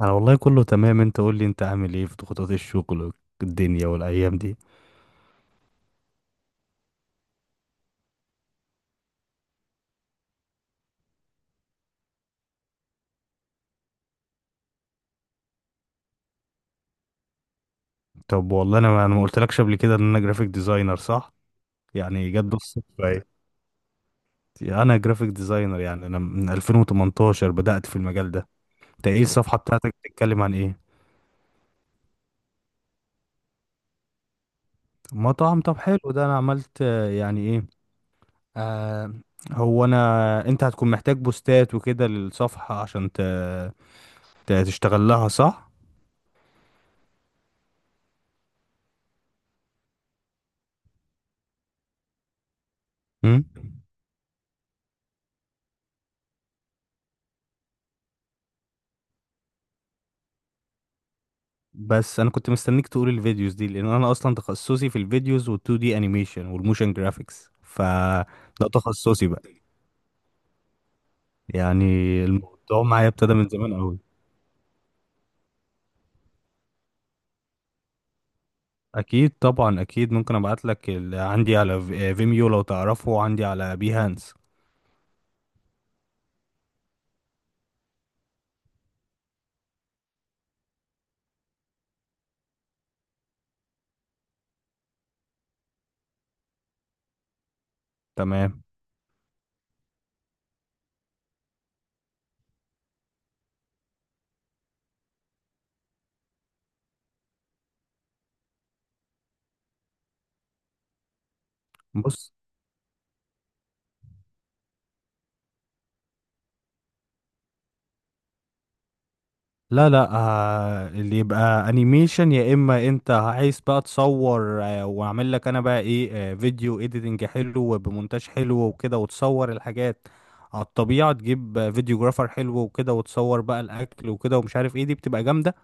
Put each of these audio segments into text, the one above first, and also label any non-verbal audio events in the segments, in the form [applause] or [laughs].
انا والله كله تمام، انت قول لي انت عامل ايه في ضغوطات الشغل والدنيا والايام دي. طب والله انا ما قلتلكش قبل كده ان انا جرافيك ديزاينر، صح؟ يعني جت [laughs] بالصدفه ايه. انا جرافيك ديزاينر، يعني انا من 2018 بدأت في المجال ده. انت ايه الصفحه بتاعتك؟ بتتكلم عن ايه؟ مطعم، طب حلو ده. انا عملت يعني ايه. آه. هو انت هتكون محتاج بوستات وكده للصفحه عشان تشتغل لها، صح؟ امم، بس انا كنت مستنيك تقول الفيديوز دي لان انا اصلا تخصصي في الفيديوز وال2 دي انيميشن والموشن جرافيكس، ف ده تخصصي بقى. يعني الموضوع معايا ابتدى من زمان قوي. اكيد طبعا، اكيد ممكن ابعت لك عندي على فيميو لو تعرفه، وعندي على بيهانس. تمام. بص، لا لا، اللي يبقى انيميشن، يا اما انت عايز بقى تصور، واعمل لك انا بقى ايه، فيديو اديتنج حلو وبمونتاج حلو وكده وتصور الحاجات على الطبيعة، تجيب فيديوجرافر حلو وكده وتصور بقى الاكل وكده ومش عارف ايه، دي بتبقى جامدة.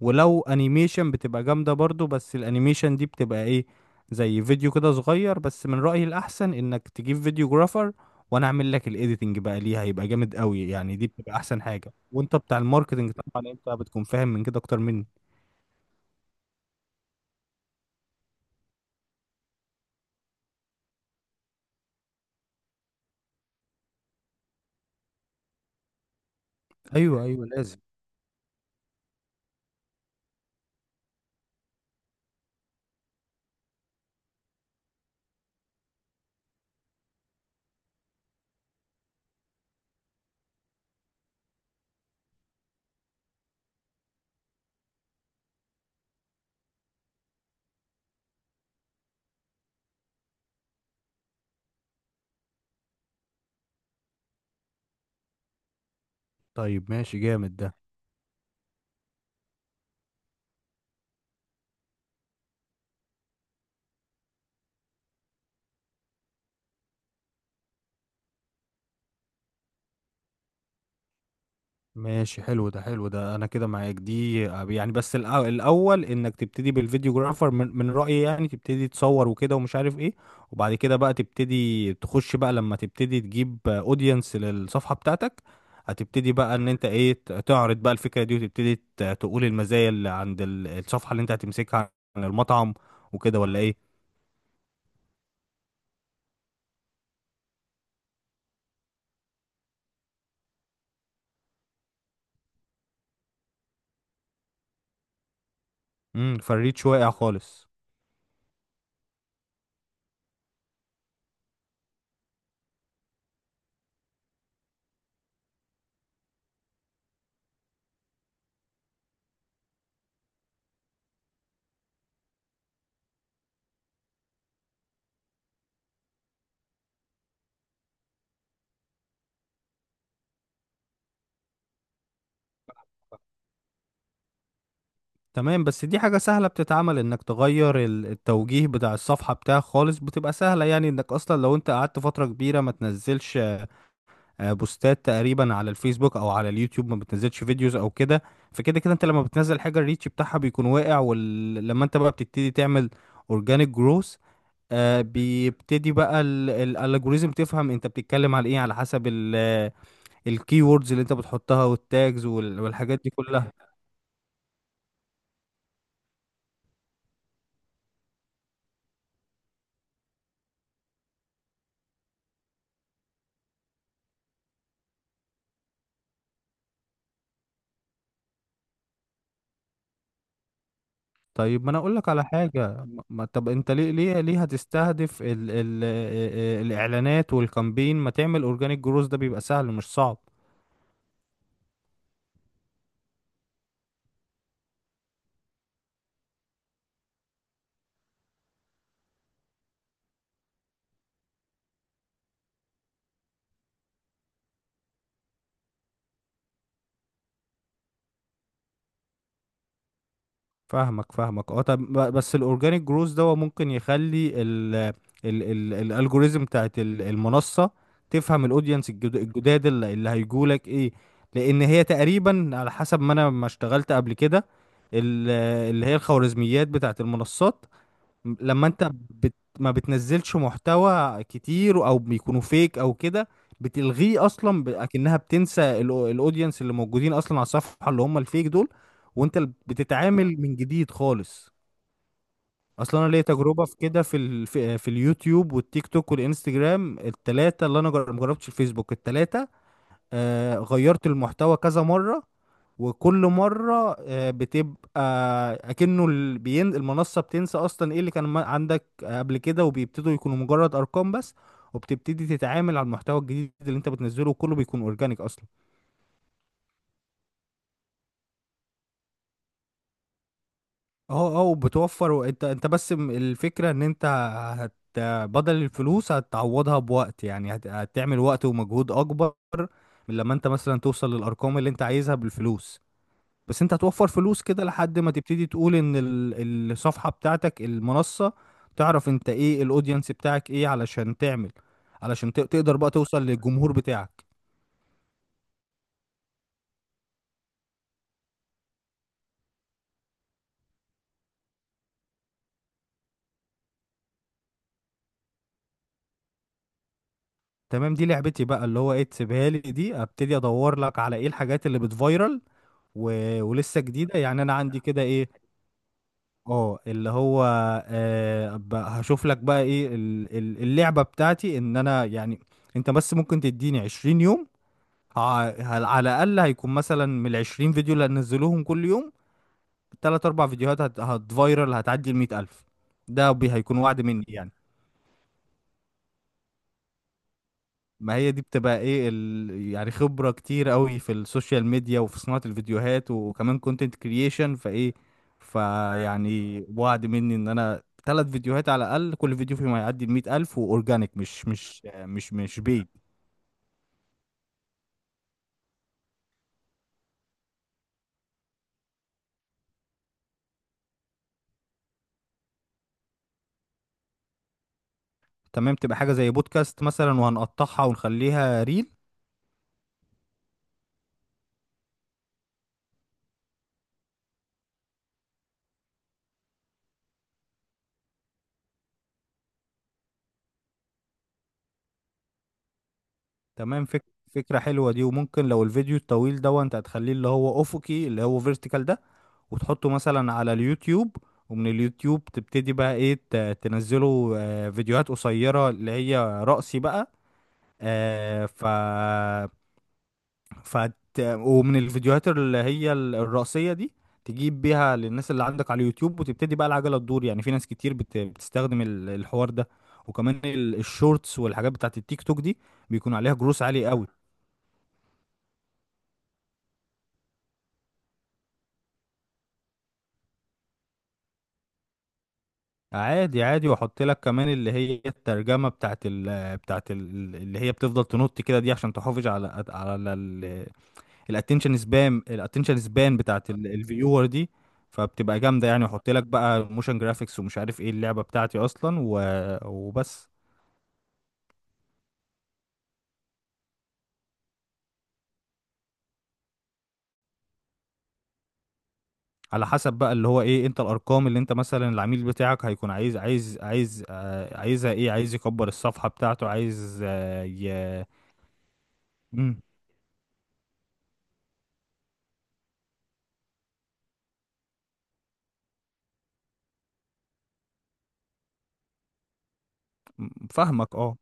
ولو انيميشن بتبقى جامدة برضو، بس الانيميشن دي بتبقى ايه، زي فيديو كده صغير. بس من رأيي الاحسن انك تجيب فيديو جرافر وانا اعمل لك الايديتنج بقى ليها، هيبقى جامد قوي. يعني دي بتبقى احسن حاجة، وانت بتاع الماركتنج طبعا انت بتكون فاهم من كده اكتر مني. ايوه ايوه، لازم. طيب ماشي، جامد ده. ماشي حلو ده، حلو ده، انا كده معاك دي، يعني بس الاول انك تبتدي بالفيديوجرافر من رأيي، يعني تبتدي تصور وكده ومش عارف ايه، وبعد كده بقى تبتدي تخش بقى لما تبتدي تجيب اودينس للصفحة بتاعتك. هتبتدي بقى ان انت ايه تعرض بقى الفكرة دي، وتبتدي تقول المزايا اللي عند الصفحة اللي انت هتمسكها عن المطعم، وكده ولا ايه؟ امم، فريد شوية خالص. تمام، بس دي حاجة سهلة بتتعمل، انك تغير التوجيه بتاع الصفحة بتاعك خالص، بتبقى سهلة. يعني انك اصلا لو انت قعدت فترة كبيرة ما تنزلش بوستات تقريبا على الفيسبوك او على اليوتيوب، ما بتنزلش فيديوز او كده. فكده كده انت لما بتنزل حاجة، الريتش بتاعها بيكون واقع. ولما انت بقى بتبتدي تعمل اورجانيك جروث، بيبتدي بقى الالجوريزم تفهم انت بتتكلم على ايه، على حسب الكي ووردز اللي انت بتحطها والتاجز والحاجات دي كلها. طيب ما انا اقول لك على حاجه، طب انت ليه هتستهدف ال ال الاعلانات والكامبين؟ ما تعمل اورجانيك جروز، ده بيبقى سهل مش صعب. فاهمك فاهمك، اه. طب بس الاورجانيك جروز ده هو ممكن يخلي ال الالجوريزم بتاعت المنصه تفهم الاودينس الجداد اللي هيجولك ايه. لان هي تقريبا على حسب ما انا ما اشتغلت قبل كده ال- اللي هي الخوارزميات بتاعت المنصات. لما انت ما بتنزلش محتوى كتير او بيكونوا فيك او كده، بتلغيه اصلا اكنها بتنسى الاودينس اللي موجودين اصلا على الصفحه، اللي هم الفيك دول. وانت بتتعامل من جديد خالص. اصلا انا ليا تجربه في كده، في ال... في في اليوتيوب والتيك توك والانستجرام، التلاته اللي انا مجربتش الفيسبوك، التلاته غيرت المحتوى كذا مرة، وكل مرة بتبقى أكنه بين المنصة بتنسى أصلا إيه اللي كان عندك قبل كده، وبيبتدوا يكونوا مجرد أرقام بس. وبتبتدي تتعامل على المحتوى الجديد اللي أنت بتنزله، وكله بيكون أورجانيك أصلا. أه أه، وبتوفر. وأنت بس الفكرة إن أنت هت بدل الفلوس هتعوضها بوقت، يعني هتعمل وقت ومجهود أكبر من لما أنت مثلا توصل للأرقام اللي أنت عايزها بالفلوس. بس انت هتوفر فلوس كده لحد ما تبتدي تقول ان الصفحة بتاعتك المنصة تعرف انت ايه الاودينس بتاعك، ايه علشان تعمل، علشان تقدر بقى توصل للجمهور بتاعك. تمام، دي لعبتي بقى، اللي هو ايه، تسيبها لي دي. ابتدي ادور لك على ايه الحاجات اللي بتفايرل و... ولسه جديدة، يعني انا عندي كده ايه. اه، اللي هو هشوف لك بقى ايه اللعبة بتاعتي، ان انا يعني انت بس ممكن تديني 20 يوم، على الأقل هيكون مثلا من العشرين فيديو اللي هنزلوهم كل يوم، تلات أربع فيديوهات هتفايرل هتعدي ال100 ألف. ده بي هيكون وعد مني يعني. ما هي دي بتبقى ايه، ال... يعني خبرة كتير قوي في السوشيال ميديا وفي صناعة الفيديوهات وكمان كونتنت كرييشن، فايه فيعني وعد مني ان انا تلات فيديوهات على الأقل، كل فيديو فيهم هيعدي ال100 ألف وأورجانيك، مش بيد. تمام، تبقى حاجة زي بودكاست مثلا وهنقطعها ونخليها. تمام، فكرة حلوة دي. وممكن لو الفيديو الطويل ده انت هتخليه اللي هو افقي، اللي هو فيرتيكال ده، وتحطه مثلا على اليوتيوب. ومن اليوتيوب تبتدي بقى ايه تنزله فيديوهات قصيرة اللي هي رأسي بقى. آه، ف ف ومن الفيديوهات اللي هي الرأسية دي تجيب بيها للناس اللي عندك على اليوتيوب، وتبتدي بقى العجلة تدور. يعني في ناس كتير بتستخدم الحوار ده، وكمان الشورتس والحاجات بتاعت التيك توك دي بيكون عليها جروس عالي قوي. عادي عادي، واحط لك كمان اللي هي الترجمة بتاعت ال اللي هي بتفضل تنط كده دي عشان تحافظ على على الاتنشن سبان بتاعت الفيور دي. فبتبقى جامدة يعني، واحط لك بقى موشن جرافيكس ومش عارف ايه اللعبة بتاعتي اصلا وبس. على حسب بقى اللي هو ايه، انت الارقام اللي انت مثلا العميل بتاعك هيكون عايز عايزها ايه، عايز يكبر الصفحة بتاعته، عايز آه، ي... مم، فاهمك اه.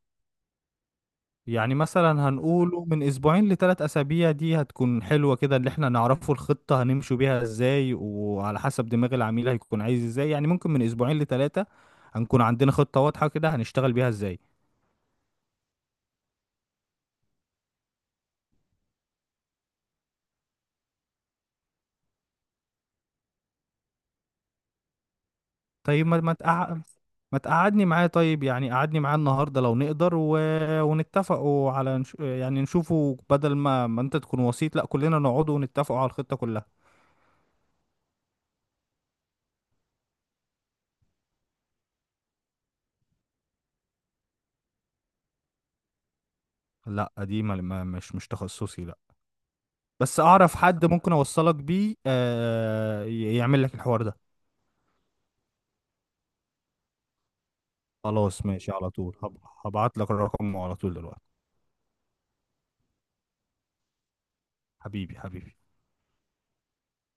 يعني مثلا هنقوله من اسبوعين لثلاث اسابيع، دي هتكون حلوة كده اللي احنا نعرفه الخطة هنمشوا بيها ازاي، وعلى حسب دماغ العميل هيكون عايز ازاي، يعني ممكن من اسبوعين لثلاثة هنكون عندنا خطة واضحة كده هنشتغل بيها ازاي. طيب ما تقعدني معاه، طيب يعني قعدني معاه النهاردة لو نقدر ونتفقوا على يعني نشوفوا، بدل ما انت تكون وسيط، لا كلنا نقعدوا ونتفقوا على الخطة كلها. لا دي ما... ما... مش مش تخصصي، لا. بس اعرف حد ممكن اوصلك بيه يعمل لك الحوار ده. خلاص ماشي، على طول هبعت لك رقمه على طول دلوقتي. حبيبي حبيبي.